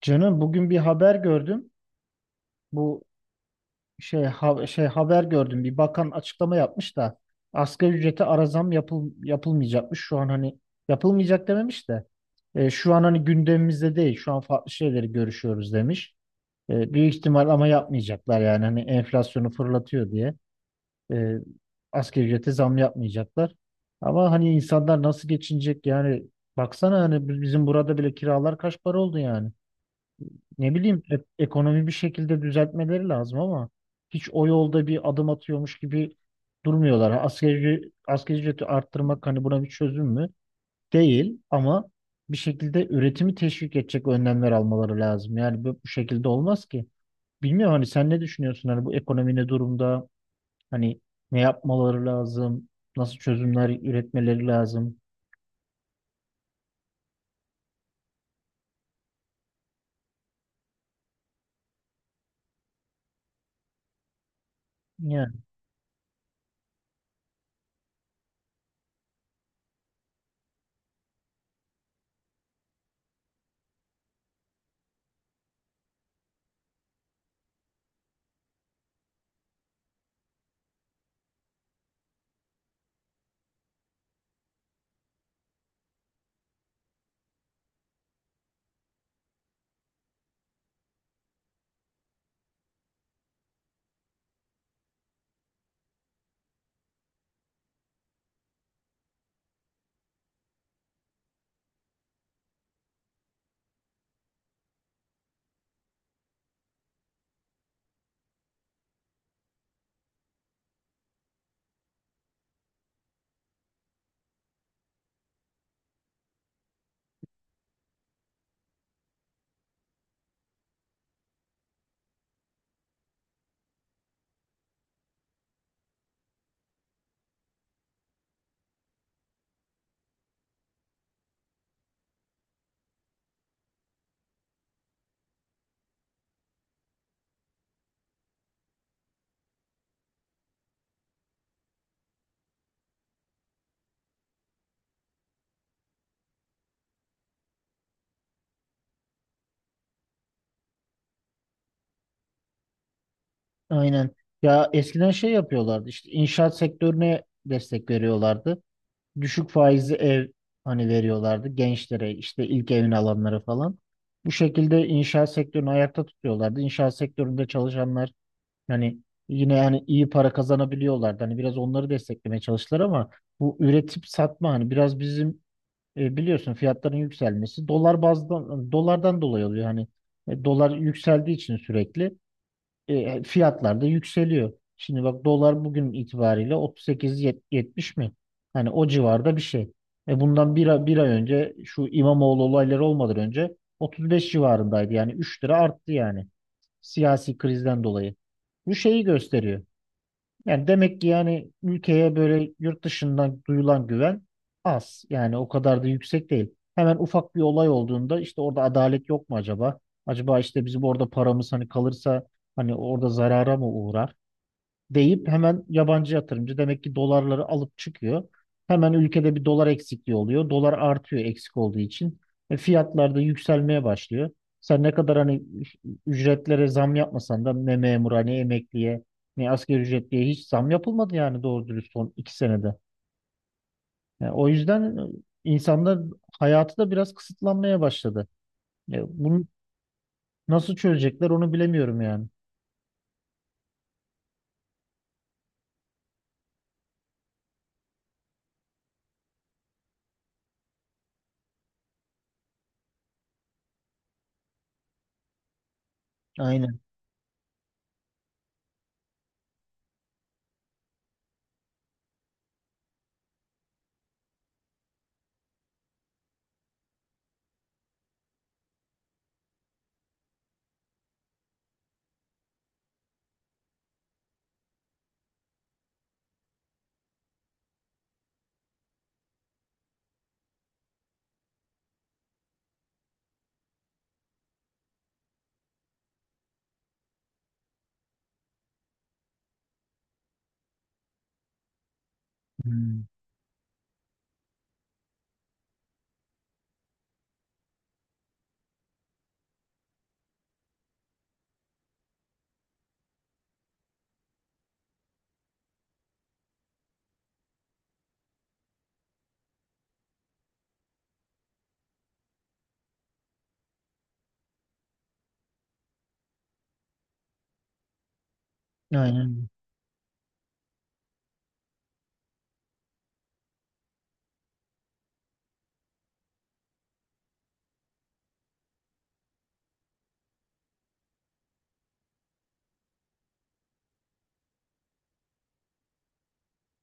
Canım, bugün bir haber gördüm. Bu şey haber gördüm. Bir bakan açıklama yapmış da asgari ücrete ara zam yapılmayacakmış. Şu an hani yapılmayacak dememiş de şu an hani gündemimizde değil. Şu an farklı şeyleri görüşüyoruz demiş. Büyük ihtimal ama yapmayacaklar yani hani enflasyonu fırlatıyor diye. E, Asgari ücrete zam yapmayacaklar. Ama hani insanlar nasıl geçinecek yani baksana hani bizim burada bile kiralar kaç para oldu yani. Ne bileyim ekonomi bir şekilde düzeltmeleri lazım ama hiç o yolda bir adım atıyormuş gibi durmuyorlar. Ha, asgari ücreti arttırmak hani buna bir çözüm mü? Değil ama bir şekilde üretimi teşvik edecek önlemler almaları lazım. Yani bu şekilde olmaz ki. Bilmiyorum, hani sen ne düşünüyorsun, hani bu ekonomi ne durumda? Hani ne yapmaları lazım? Nasıl çözümler üretmeleri lazım? Yani aynen. Ya eskiden şey yapıyorlardı, işte inşaat sektörüne destek veriyorlardı. Düşük faizli ev hani veriyorlardı gençlere, işte ilk evini alanlara falan. Bu şekilde inşaat sektörünü ayakta tutuyorlardı. İnşaat sektöründe çalışanlar hani yine yani iyi para kazanabiliyorlardı. Hani biraz onları desteklemeye çalıştılar ama bu üretip satma hani biraz bizim biliyorsun fiyatların yükselmesi dolar bazdan dolardan dolayı oluyor hani dolar yükseldiği için sürekli. Fiyatlar da yükseliyor. Şimdi bak, dolar bugün itibariyle 38-70 mi? Hani o civarda bir şey. E bundan bir ay önce şu İmamoğlu olayları olmadan önce 35 civarındaydı. Yani 3 lira arttı yani siyasi krizden dolayı. Bu şeyi gösteriyor. Yani demek ki yani ülkeye böyle yurt dışından duyulan güven az. Yani o kadar da yüksek değil. Hemen ufak bir olay olduğunda işte orada adalet yok mu acaba? Acaba işte bizim orada paramız hani kalırsa hani orada zarara mı uğrar deyip hemen yabancı yatırımcı demek ki dolarları alıp çıkıyor. Hemen ülkede bir dolar eksikliği oluyor. Dolar artıyor eksik olduğu için. Fiyatlar da yükselmeye başlıyor. Sen ne kadar hani ücretlere zam yapmasan da ne memura, ne emekliye, ne asgari ücretliye hiç zam yapılmadı yani doğru dürüst son iki senede. Yani o yüzden insanlar hayatı da biraz kısıtlanmaya başladı. Bunu nasıl çözecekler onu bilemiyorum yani. Aynen. Hmm. Aynen.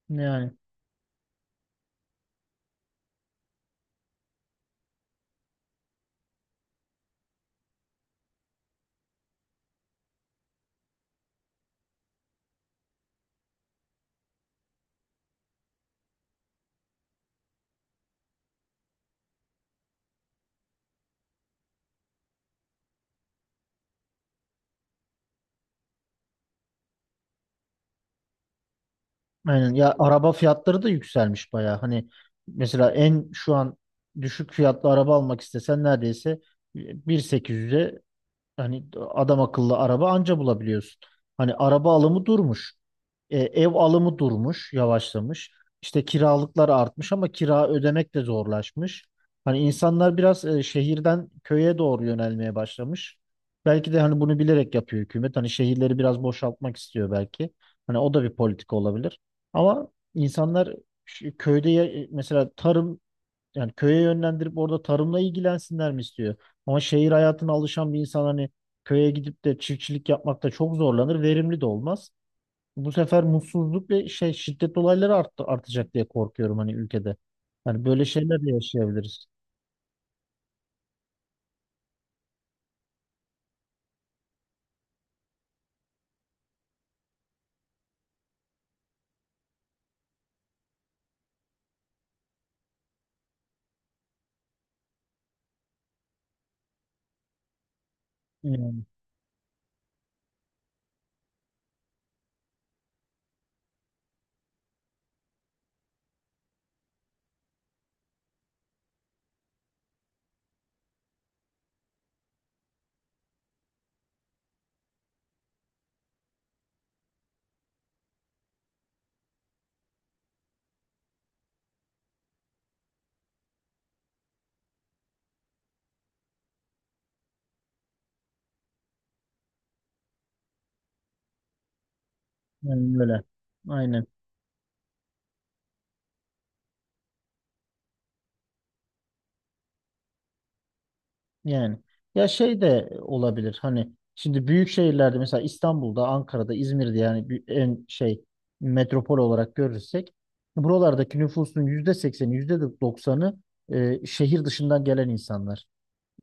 Yani. Aynen. Ya araba fiyatları da yükselmiş bayağı. Hani mesela en şu an düşük fiyatlı araba almak istesen neredeyse 1.800'e hani adam akıllı araba anca bulabiliyorsun. Hani araba alımı durmuş. Ev alımı durmuş, yavaşlamış. İşte kiralıklar artmış ama kira ödemek de zorlaşmış. Hani insanlar biraz şehirden köye doğru yönelmeye başlamış. Belki de hani bunu bilerek yapıyor hükümet. Hani şehirleri biraz boşaltmak istiyor belki. Hani o da bir politika olabilir. Ama insanlar köyde mesela tarım, yani köye yönlendirip orada tarımla ilgilensinler mi istiyor? Ama şehir hayatına alışan bir insan hani köye gidip de çiftçilik yapmakta çok zorlanır, verimli de olmaz. Bu sefer mutsuzluk ve şey şiddet olayları arttı, artacak diye korkuyorum hani ülkede. Yani böyle şeyler de yaşayabiliriz. Yani, yani böyle. Aynen. Yani ya şey de olabilir hani şimdi büyük şehirlerde mesela İstanbul'da, Ankara'da, İzmir'de yani en şey metropol olarak görürsek buralardaki nüfusun yüzde sekseni, yüzde doksanı şehir dışından gelen insanlar.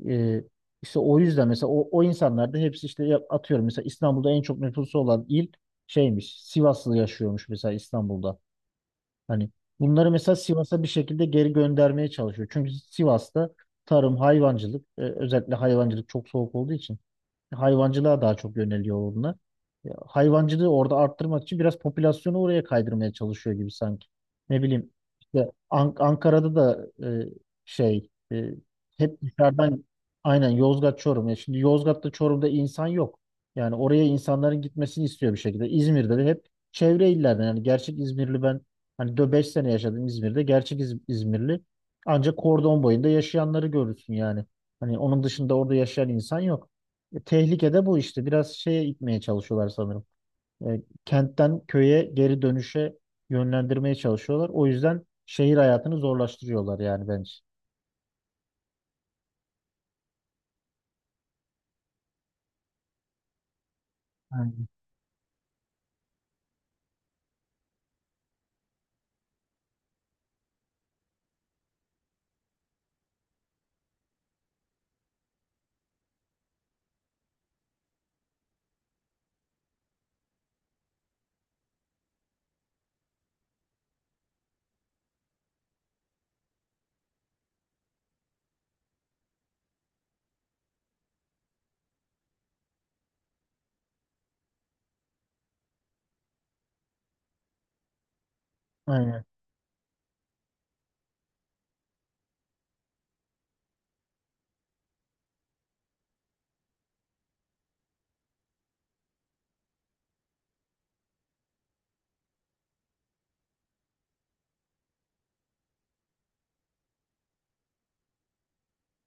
E, işte o yüzden mesela o insanlar da hepsi işte atıyorum mesela İstanbul'da en çok nüfusu olan il şeymiş, Sivaslı yaşıyormuş mesela İstanbul'da. Hani bunları mesela Sivas'a bir şekilde geri göndermeye çalışıyor. Çünkü Sivas'ta tarım, hayvancılık, özellikle hayvancılık çok soğuk olduğu için hayvancılığa daha çok yöneliyor onlar. Ya, hayvancılığı orada arttırmak için biraz popülasyonu oraya kaydırmaya çalışıyor gibi sanki. Ne bileyim işte Ankara'da da şey e, hep dışarıdan, aynen Yozgat, Çorum. Ya şimdi Yozgat'ta, Çorum'da insan yok. Yani oraya insanların gitmesini istiyor bir şekilde. İzmir'de de hep çevre illerden, yani gerçek İzmirli, ben hani 5 sene yaşadım İzmir'de. İzmirli ancak kordon boyunda yaşayanları görürsün yani. Hani onun dışında orada yaşayan insan yok. Tehlike de bu işte. Biraz şeye itmeye çalışıyorlar sanırım. Kentten köye geri dönüşe yönlendirmeye çalışıyorlar. O yüzden şehir hayatını zorlaştırıyorlar yani bence. Aynen. Aynen.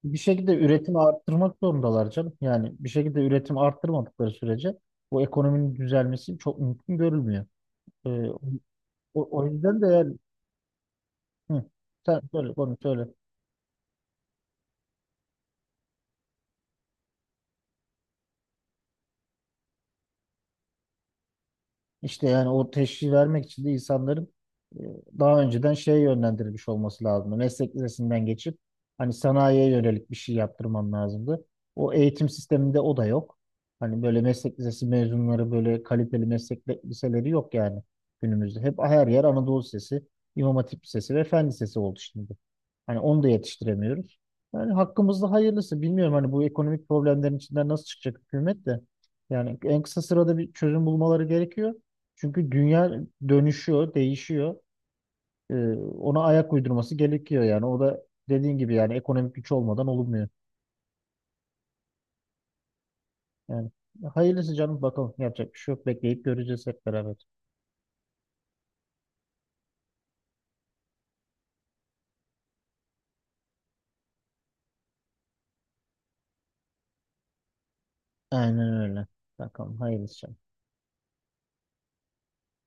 Bir şekilde üretimi arttırmak zorundalar canım. Yani bir şekilde üretimi arttırmadıkları sürece bu ekonominin düzelmesi çok mümkün görülmüyor. E, o yüzden de yani Hı, sen söyle, konu söyle. İşte yani o teşhisi vermek için de insanların e, daha önceden şeye yönlendirilmiş olması lazımdı. Meslek lisesinden geçip hani sanayiye yönelik bir şey yaptırman lazımdı. O eğitim sisteminde o da yok. Hani böyle meslek lisesi mezunları, böyle kaliteli liseleri yok yani günümüzde. Hep her yer Anadolu Lisesi, İmam Hatip Lisesi ve Fen Lisesi oldu şimdi. Hani onu da yetiştiremiyoruz. Yani hakkımızda hayırlısı. Bilmiyorum hani bu ekonomik problemlerin içinden nasıl çıkacak hükümet de. Yani en kısa sırada bir çözüm bulmaları gerekiyor. Çünkü dünya dönüşüyor, değişiyor. Ee, Ona ayak uydurması gerekiyor yani. O da dediğin gibi yani ekonomik güç olmadan olmuyor. Yani hayırlısı canım, bakalım yapacak bir şey yok. Bekleyip göreceğiz hep beraber. Aynen öyle. Bakalım hayırlısı.